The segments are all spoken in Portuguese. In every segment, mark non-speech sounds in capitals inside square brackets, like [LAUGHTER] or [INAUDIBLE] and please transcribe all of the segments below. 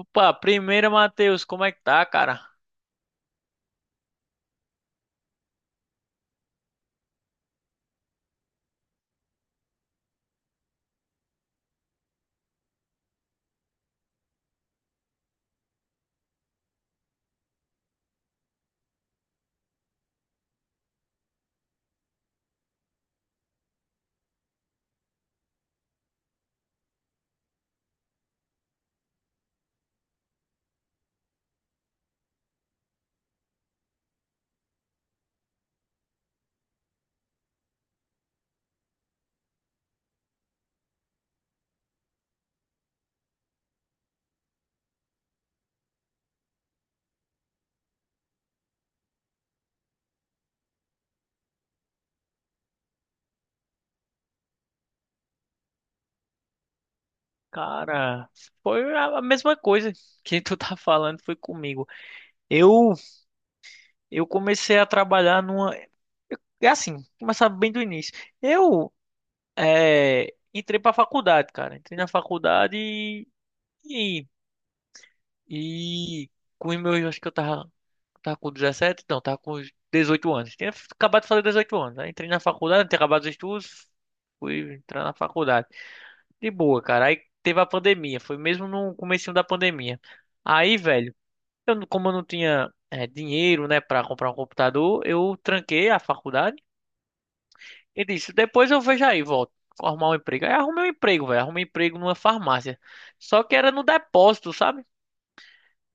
Opa, primeiro, Matheus, como é que tá, cara? Cara, foi a mesma coisa [LAUGHS] que tu tá falando, foi comigo. Eu eu comecei a trabalhar numa, é assim, começar bem do início. Eu Entrei pra faculdade, cara. Entrei na faculdade e, e com os meus, acho que eu tava com 17, não, tava com uns 18 anos. Tinha acabado de fazer 18 anos. Aí entrei na faculdade, tinha acabado os estudos, fui entrar na faculdade. De boa, cara. Aí teve a pandemia. Foi mesmo no comecinho da pandemia. Aí, velho, eu, não- como eu não tinha dinheiro, né, pra comprar um computador, eu tranquei a faculdade e disse, depois eu vejo aí, volto. Arrumar um emprego. Aí arrumei um emprego, velho. Arrumei um emprego numa farmácia. Só que era no depósito, sabe?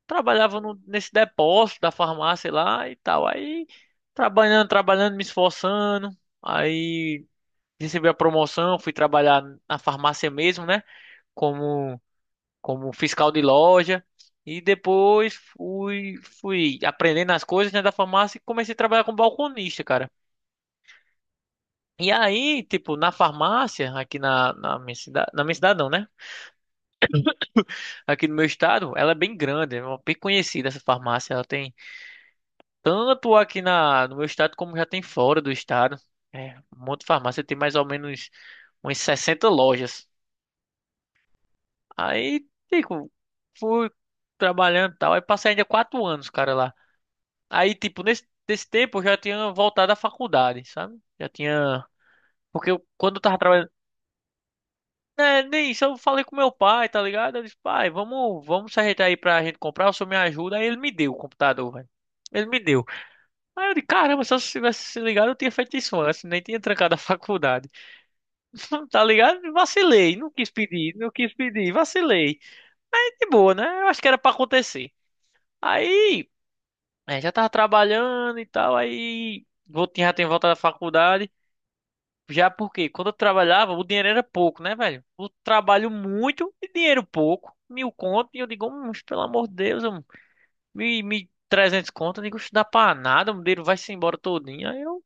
Trabalhava nesse depósito da farmácia lá e tal. Aí, trabalhando, trabalhando, me esforçando. Aí, recebi a promoção, fui trabalhar na farmácia mesmo, né? Como como fiscal de loja. E depois fui aprendendo as coisas, né, da farmácia e comecei a trabalhar como balconista, cara. E aí, tipo, na farmácia, aqui na minha cidade, na minha cidade não, né? Aqui no meu estado, ela é bem grande, é bem conhecida essa farmácia. Ela tem tanto aqui no meu estado como já tem fora do estado. É, um monte de farmácia, tem mais ou menos umas 60 lojas. Aí, tipo, fui trabalhando e tal. Aí passei ainda 4 anos, cara, lá. Aí, tipo, nesse tempo eu já tinha voltado à faculdade, sabe? Já tinha. Porque eu, quando eu tava trabalhando. É, nem isso, eu falei com meu pai, tá ligado? Eu disse, pai, vamos, vamos se ajeitar aí pra gente comprar, o senhor me ajuda. Aí ele me deu o computador, velho. Ele me deu. Aí eu disse, caramba, se eu tivesse se ligado, eu tinha feito isso antes, nem tinha trancado a faculdade. [LAUGHS] Tá ligado? Vacilei, não quis pedir, não quis pedir, vacilei. Aí de boa, né? Eu acho que era pra acontecer. Aí, já tava trabalhando e tal, aí. Já tinha voltado da faculdade. Já porque quando eu trabalhava, o dinheiro era pouco, né, velho? Eu trabalho muito e dinheiro pouco. Mil conto, e eu digo, pelo amor de Deus, mil e trezentos conto, eu digo, isso dá pra nada, o dinheiro vai-se embora todinho. Aí eu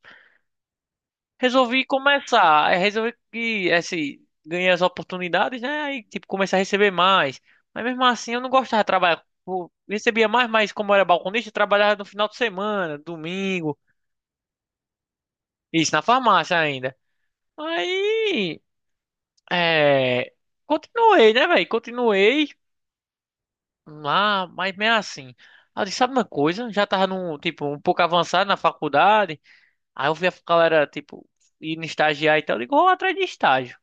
resolvi começar, aí resolvi que, ganhei as oportunidades, né, aí, tipo, comecei a receber mais. Mas mesmo assim, eu não gostava de trabalhar. Eu recebia mais, mas como eu era balconista, eu trabalhava no final de semana, domingo, isso, na farmácia ainda. Aí. É, continuei, né, velho? Continuei lá, mas mesmo assim. Aí eu disse, sabe uma coisa? Já tava num, tipo, um pouco avançado na faculdade. Aí eu vi a galera, tipo, indo estagiar e tal. Eu digo, vou atrás de estágio.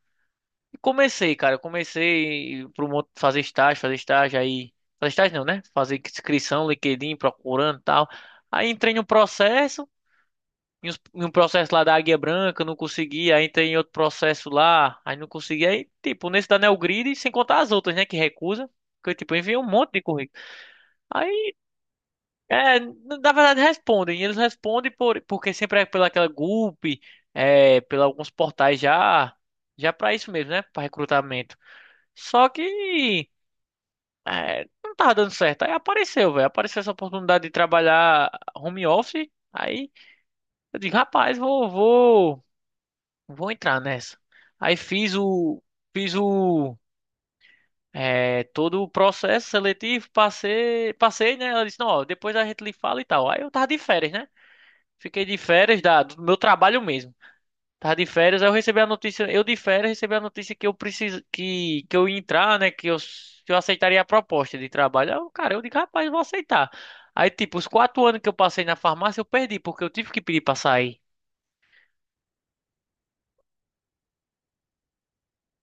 E comecei, cara. Eu comecei pro monte fazer estágio aí. Fazer estágio não, né? Fazer inscrição, LinkedIn, procurando e tal. Aí entrei no processo. Em um processo lá da Águia Branca, não consegui. Aí tem outro processo lá, aí não consegui. Aí, tipo, nesse da Neogrid, sem contar as outras, né, que recusa. Porque, tipo, eu enviei um monte de currículo. Aí, na verdade, respondem. Eles respondem porque sempre é pela aquela Gulp, pela alguns portais já, já pra isso mesmo, né, pra recrutamento. Só que, não tava dando certo. Aí apareceu, velho, apareceu essa oportunidade de trabalhar home office. Aí, eu digo, rapaz, vou. Vou entrar nessa. Aí fiz o, todo o processo seletivo, passei, passei, né? Ela disse, não, ó, depois a gente lhe fala e tal. Aí eu tava de férias, né? Fiquei de férias do meu trabalho mesmo. Tava de férias, aí eu recebi a notícia, eu de férias recebi a notícia que eu preciso, que eu ia entrar, né? Que eu aceitaria a proposta de trabalho. Aí eu, cara, eu digo, rapaz, eu vou aceitar. Aí, tipo, os 4 anos que eu passei na farmácia, eu perdi, porque eu tive que pedir pra sair.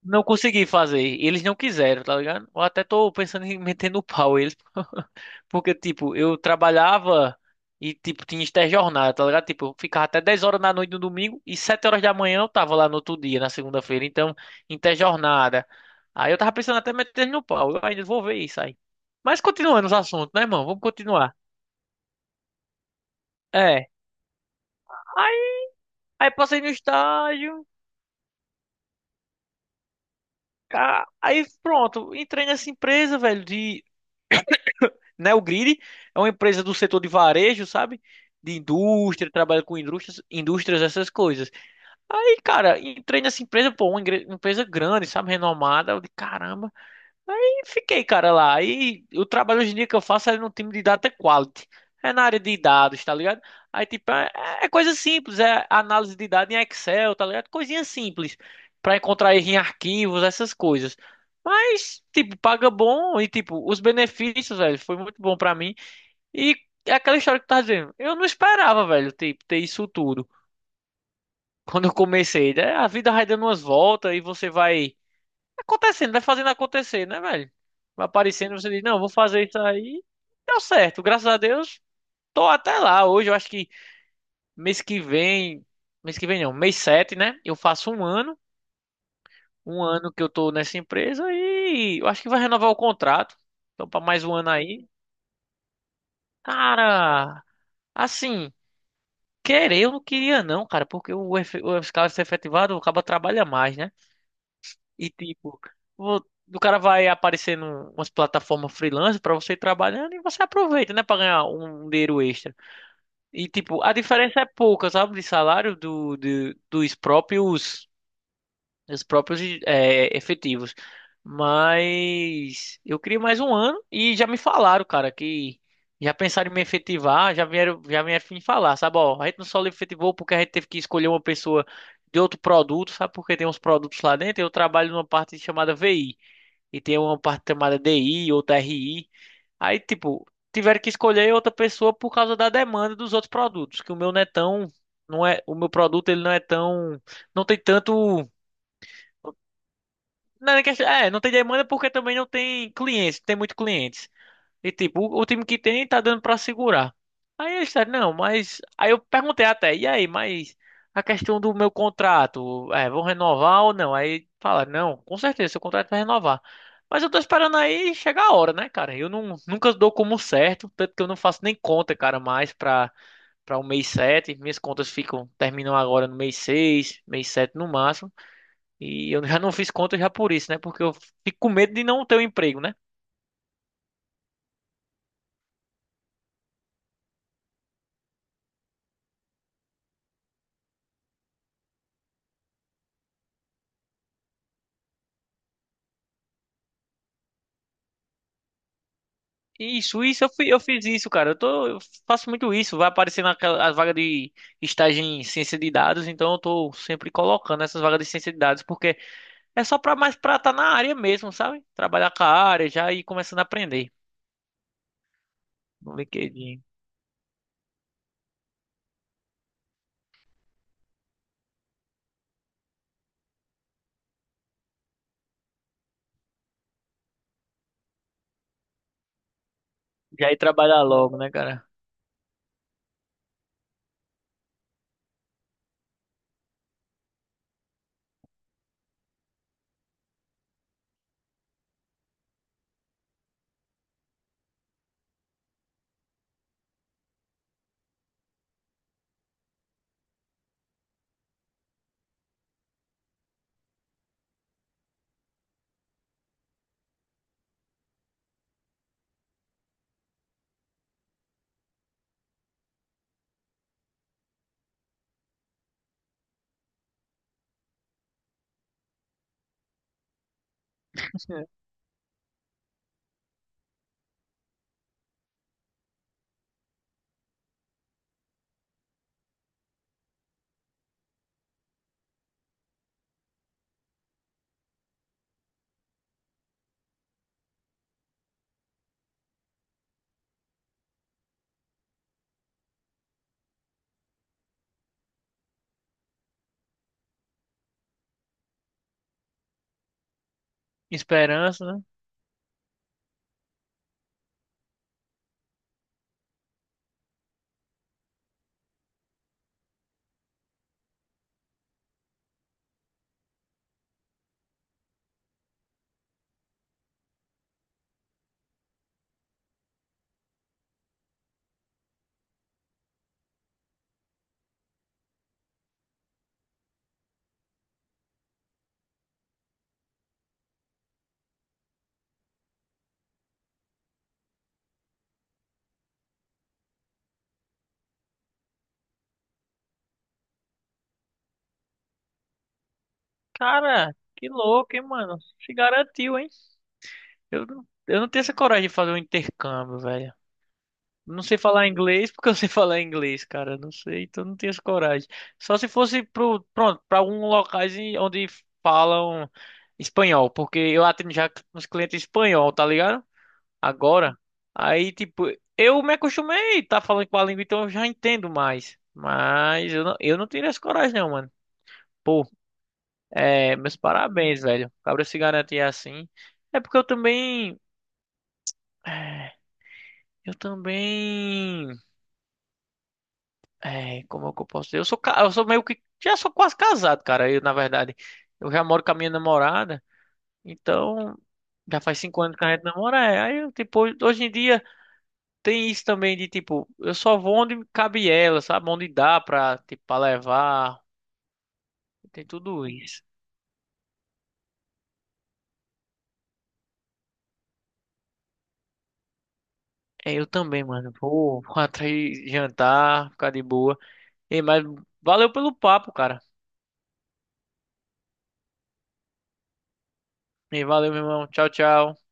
Não consegui fazer. Eles não quiseram, tá ligado? Eu até tô pensando em meter no pau eles. Porque, tipo, eu trabalhava e, tipo, tinha interjornada, tá ligado? Tipo, eu ficava até 10 horas da noite no domingo e 7 horas da manhã eu tava lá no outro dia, na segunda-feira. Então, interjornada. Aí eu tava pensando até meter eles no pau. Eu ainda vou ver isso aí. Mas continuando os assuntos, né, irmão? Vamos continuar. É. Aí, aí, passei no estágio. Aí pronto, entrei nessa empresa, velho, de Neogrid, é uma empresa do setor de varejo, sabe? De indústria, trabalha com indústrias, indústrias, essas coisas. Aí, cara, entrei nessa empresa, pô, uma empresa grande, sabe? Renomada. Eu de caramba. Aí fiquei, cara, lá. Aí o trabalho hoje em dia que eu faço é no time de data quality. É na área de dados, tá ligado? Aí, tipo, é coisa simples, é análise de dados em Excel, tá ligado? Coisinha simples. Pra encontrar erro em arquivos, essas coisas. Mas, tipo, paga bom e, tipo, os benefícios, velho, foi muito bom pra mim. E é aquela história que tu tá dizendo. Eu não esperava, velho, tipo, ter isso tudo. Quando eu comecei, né? A vida vai dando umas voltas e você vai acontecendo, vai fazendo acontecer, né, velho? Vai aparecendo, você diz, não, vou fazer isso aí. Deu certo, graças a Deus, tô até lá. Hoje eu acho que mês que vem, mês que vem não, mês 7, né? Eu faço um ano que eu tô nessa empresa e eu acho que vai renovar o contrato. Então, pra mais um ano aí. Cara, assim, querer eu não queria não, cara, porque o escala ser efetivado, acaba trabalha mais, né? E tipo, vo- o cara vai aparecendo umas plataformas freelance pra você ir trabalhando e você aproveita, né, pra ganhar um dinheiro extra. E tipo, a diferença é pouca, sabe, de salário dos próprios efetivos. Mas eu queria mais um ano e já me falaram, cara, que já pensaram em me efetivar, já vieram me falar, sabe, ó, a gente não só lhe efetivou porque a gente teve que escolher uma pessoa de outro produto, sabe? Porque tem uns produtos lá dentro. Eu trabalho numa parte chamada VI e tem uma parte chamada DI, outra RI. Aí, tipo, tiveram que escolher outra pessoa por causa da demanda dos outros produtos, que o meu não é tão, não é, o meu produto ele não é tão, não tem tanto, não é, nem não tem demanda porque também não tem clientes, não tem muito cliente. E tipo, o time que tem tá dando pra segurar. Aí eles disseram, não, mas. Aí eu perguntei até, e aí, mas a questão do meu contrato, vão renovar ou não? Aí falaram, não, com certeza, seu contrato vai renovar. Mas eu tô esperando aí chegar a hora, né, cara? Eu não, nunca dou como certo, tanto que eu não faço nem conta, cara, mais pra o mês 7, minhas contas ficam, terminam agora no mês 6, mês 7 no máximo. E eu já não fiz conta já por isso, né? Porque eu fico com medo de não ter um emprego, né? Isso, eu, eu fiz isso, cara. Eu faço muito isso. Vai aparecer naquela a vaga de estágio em ciência de dados, então eu tô sempre colocando essas vagas de ciência de dados, porque é só pra mais pra estar tá na área mesmo, sabe? Trabalhar com a área, já ir começando a aprender no LinkedIn. Já ir trabalhar logo, né, cara? [LAUGHS] Esperança, né? Cara, que louco, hein, mano? Se garantiu, hein? Eu não tenho essa coragem de fazer um intercâmbio, velho. Não sei falar inglês porque eu sei falar inglês, cara. Não sei, então não tenho essa coragem. Só se fosse pronto, para alguns locais onde falam espanhol, porque eu atendo já uns clientes espanhol, tá ligado? Agora, aí tipo, eu me acostumei tá falando com a língua, então eu já entendo mais. Mas eu não, teria essa coragem, não, mano. Pô, meus parabéns, velho. O Cabra se garantir assim. É porque eu eh, também. É, como é que eu posso dizer? Eu sou meio que. Já sou quase casado, cara. Eu, na verdade, eu já moro com a minha namorada. Então, já faz 5 anos que a gente namora. É. Aí, eu, tipo, hoje em dia tem isso também de, tipo, eu só vou onde cabe ela, sabe? Onde dá pra, tipo, pra levar. Tem tudo isso. É, eu também, mano. Vou atrás jantar, ficar de boa. E, mas valeu pelo papo, cara. E valeu, meu irmão. Tchau, tchau.